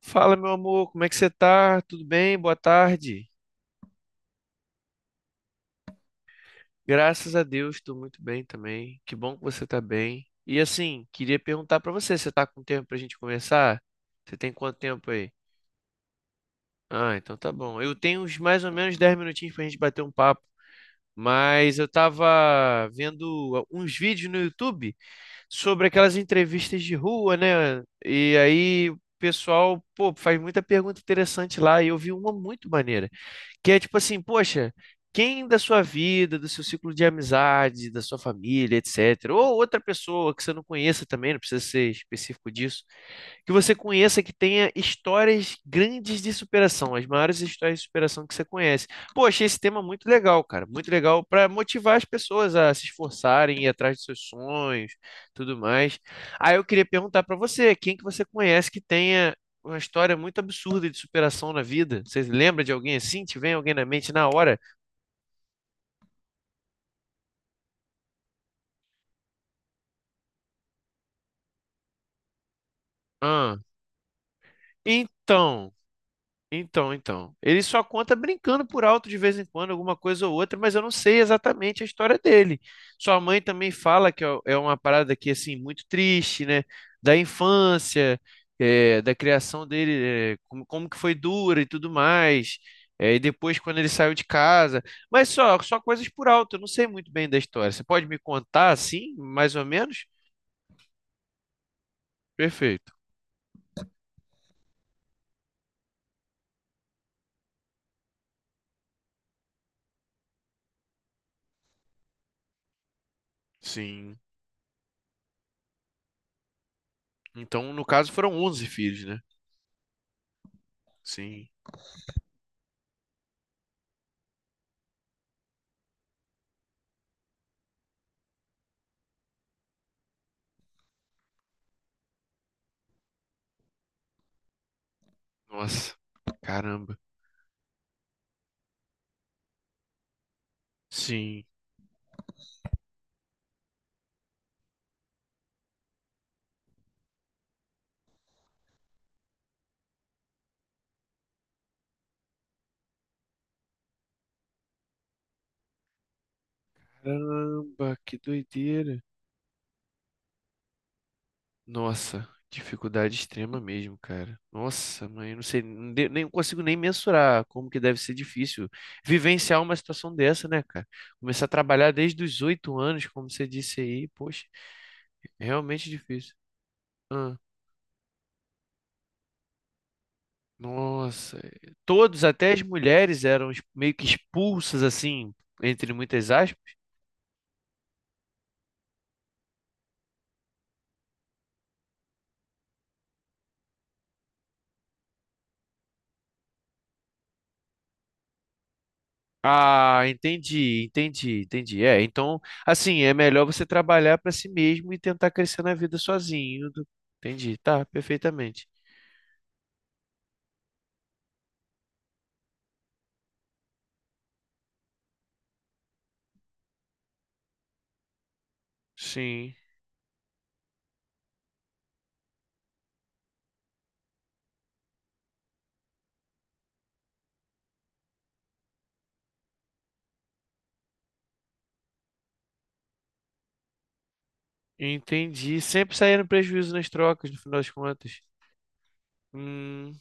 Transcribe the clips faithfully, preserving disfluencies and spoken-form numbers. Fala, meu amor, como é que você tá? Tudo bem? Boa tarde. Graças a Deus, estou muito bem também. Que bom que você tá bem. E assim, queria perguntar pra você, você tá com tempo pra gente conversar? Você tem quanto tempo aí? Ah, então tá bom. Eu tenho uns mais ou menos dez minutinhos pra gente bater um papo, mas eu tava vendo uns vídeos no YouTube sobre aquelas entrevistas de rua, né? E aí o pessoal, pô, faz muita pergunta interessante lá e eu vi uma muito maneira. Que é tipo assim, poxa, quem da sua vida, do seu ciclo de amizade, da sua família, et cetera, ou outra pessoa que você não conheça também, não precisa ser específico disso, que você conheça, que tenha histórias grandes de superação, as maiores histórias de superação que você conhece. Pô, achei esse tema muito legal, cara, muito legal para motivar as pessoas a se esforçarem, ir atrás dos seus sonhos, tudo mais. Aí eu queria perguntar para você, quem que você conhece que tenha uma história muito absurda de superação na vida? Você lembra de alguém assim? Te vem alguém na mente na hora? Ah, então Então, então. Ele só conta brincando por alto de vez em quando, alguma coisa ou outra, mas eu não sei exatamente a história dele. Sua mãe também fala que é é uma parada que, assim, muito triste, né? Da infância, é, da criação dele, é, como, como que foi dura e tudo mais. É, e depois, quando ele saiu de casa. Mas só, só coisas por alto, eu não sei muito bem da história. Você pode me contar, assim, mais ou menos? Perfeito. Sim. Então, no caso, foram onze filhos, né? Sim. Nossa, caramba. Sim. Caramba, que doideira. Nossa, dificuldade extrema mesmo, cara. Nossa, mãe, eu não sei, não de- nem consigo nem mensurar como que deve ser difícil vivenciar uma situação dessa, né, cara? Começar a trabalhar desde os oito anos, como você disse aí, poxa, realmente difícil. Ah, nossa, todos, até as mulheres, eram es- meio que expulsas, assim, entre muitas aspas. Ah, entendi, entendi, entendi. É, então, assim, é melhor você trabalhar para si mesmo e tentar crescer na vida sozinho. do- Entendi, tá, perfeitamente. Sim, entendi. Sempre saindo prejuízo nas trocas, no final das contas. Hum,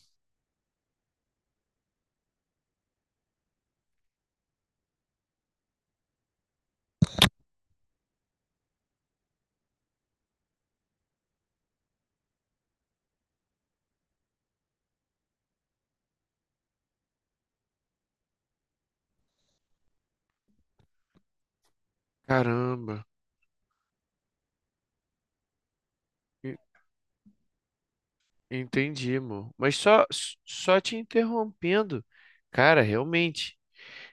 caramba. E- Entendi, amor. Mas só, só te interrompendo. Cara, realmente.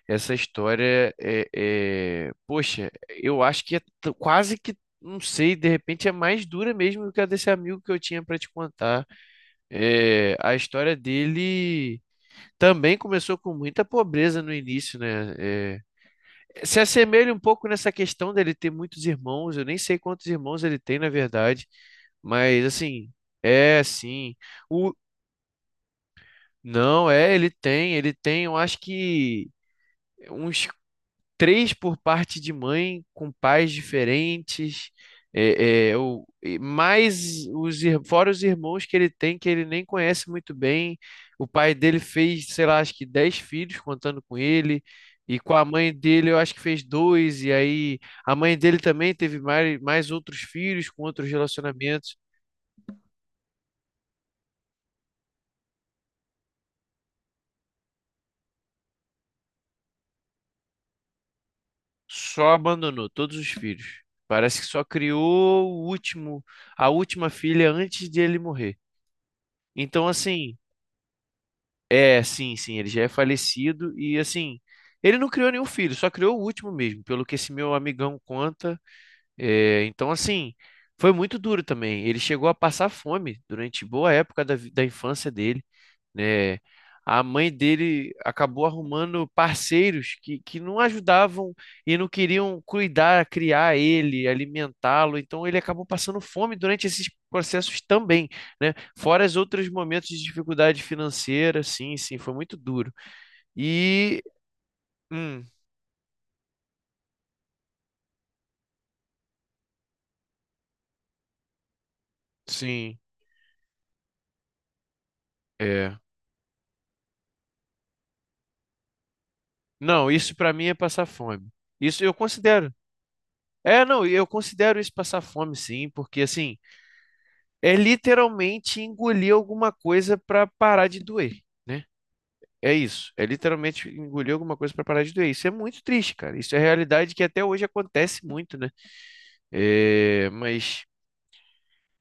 Essa história é, é- Poxa, eu acho que é t- quase que. Não sei, de repente é mais dura mesmo do que a desse amigo que eu tinha para te contar. É, a história dele também começou com muita pobreza no início, né? É, se assemelha um pouco nessa questão dele ter muitos irmãos, eu nem sei quantos irmãos ele tem, na verdade, mas assim, é assim. O... Não, é, ele tem, ele tem, eu acho que. Uns três por parte de mãe, com pais diferentes, é, é, o- e mais os, ir- fora os irmãos que ele tem, que ele nem conhece muito bem. O pai dele fez, sei lá, acho que dez filhos contando com ele. E com a mãe dele, eu acho que fez dois, e aí a mãe dele também teve mais, mais outros filhos com outros relacionamentos, só abandonou todos os filhos. Parece que só criou o último, a última filha antes de ele morrer. Então, assim, É, sim, sim, ele já é falecido e assim, ele não criou nenhum filho, só criou o último mesmo, pelo que esse meu amigão conta. É, então, assim, foi muito duro também. Ele chegou a passar fome durante boa época da, vi- da infância dele, né? A mãe dele acabou arrumando parceiros que, que não ajudavam e não queriam cuidar, criar ele, alimentá-lo. Então ele acabou passando fome durante esses processos também, né? Fora os outros momentos de dificuldade financeira, sim, sim, foi muito duro. E, hum, sim, é. Não, isso para mim é passar fome. Isso eu considero. É, não, eu considero isso passar fome, sim, porque assim. É literalmente engolir alguma coisa para parar de doer, né? É isso. É literalmente engolir alguma coisa para parar de doer. Isso é muito triste, cara. Isso é realidade que até hoje acontece muito, né? É, mas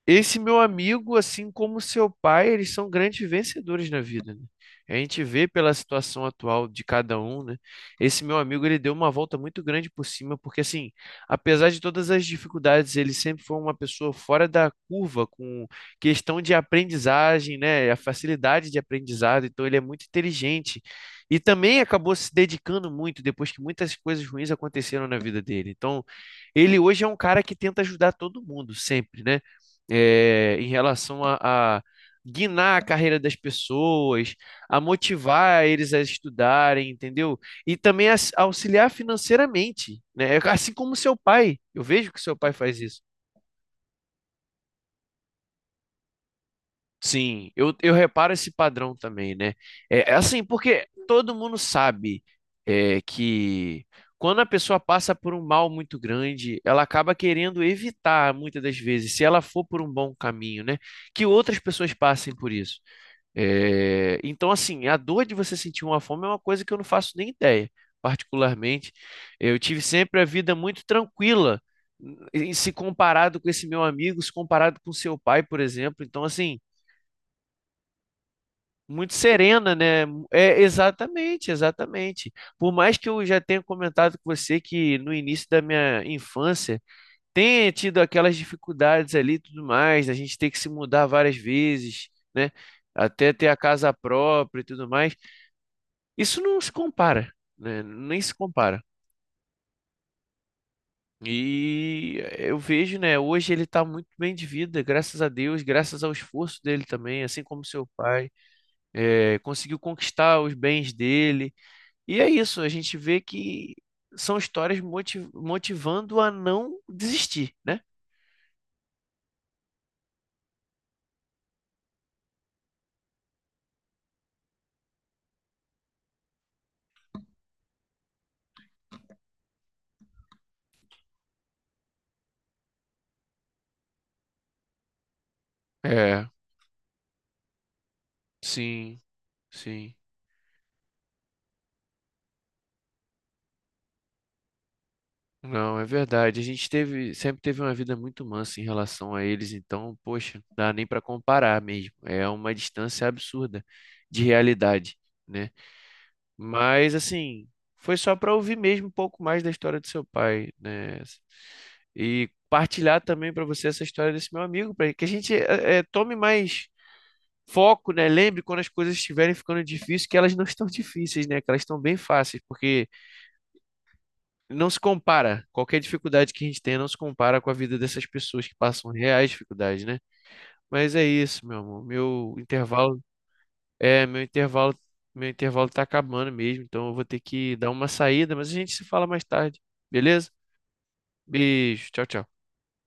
esse meu amigo, assim como seu pai, eles são grandes vencedores na vida, né? A gente vê pela situação atual de cada um, né? Esse meu amigo, ele deu uma volta muito grande por cima, porque assim, apesar de todas as dificuldades, ele sempre foi uma pessoa fora da curva com questão de aprendizagem, né? A facilidade de aprendizado, então ele é muito inteligente. E também acabou se dedicando muito depois que muitas coisas ruins aconteceram na vida dele. Então, ele hoje é um cara que tenta ajudar todo mundo sempre, né? é, em relação a, a guinar a carreira das pessoas, a motivar eles a estudarem, entendeu? E também as- auxiliar financeiramente, né? Assim como seu pai. Eu vejo que seu pai faz isso. Sim, eu, eu reparo esse padrão também, né? É é assim, porque todo mundo sabe é, que quando a pessoa passa por um mal muito grande, ela acaba querendo evitar, muitas das vezes, se ela for por um bom caminho, né? Que outras pessoas passem por isso. É, então, assim, a dor de você sentir uma fome é uma coisa que eu não faço nem ideia, particularmente. Eu tive sempre a vida muito tranquila, em se comparado com esse meu amigo, se comparado com seu pai, por exemplo. Então, assim, muito serena, né? É, exatamente, exatamente. Por mais que eu já tenha comentado com você que no início da minha infância tenha tido aquelas dificuldades ali e tudo mais, a gente ter que se mudar várias vezes, né? Até ter a casa própria e tudo mais. Isso não se compara, né? Nem se compara. E eu vejo, né? Hoje ele está muito bem de vida, graças a Deus, graças ao esforço dele também, assim como seu pai, eh, conseguiu conquistar os bens dele. E é isso, a gente vê que são histórias moti- motivando a não desistir, né? É, sim, sim. Não, é verdade. A gente teve, sempre teve uma vida muito mansa em relação a eles, então, poxa, não dá nem para comparar mesmo. É uma distância absurda de realidade, né? Mas assim, foi só para ouvir mesmo um pouco mais da história do seu pai, né? E partilhar também para você essa história desse meu amigo, para que a gente eh, eh, tome mais foco, né? Lembre quando as coisas estiverem ficando difíceis que elas não estão difíceis, né? Que elas estão bem fáceis, porque não se compara. Qualquer dificuldade que a gente tenha não se compara com a vida dessas pessoas que passam reais dificuldades, né? Mas é isso, meu amor. Meu intervalo é, meu intervalo, meu intervalo tá acabando mesmo, então eu vou ter que dar uma saída, mas a gente se fala mais tarde, beleza? Beijo, tchau, tchau.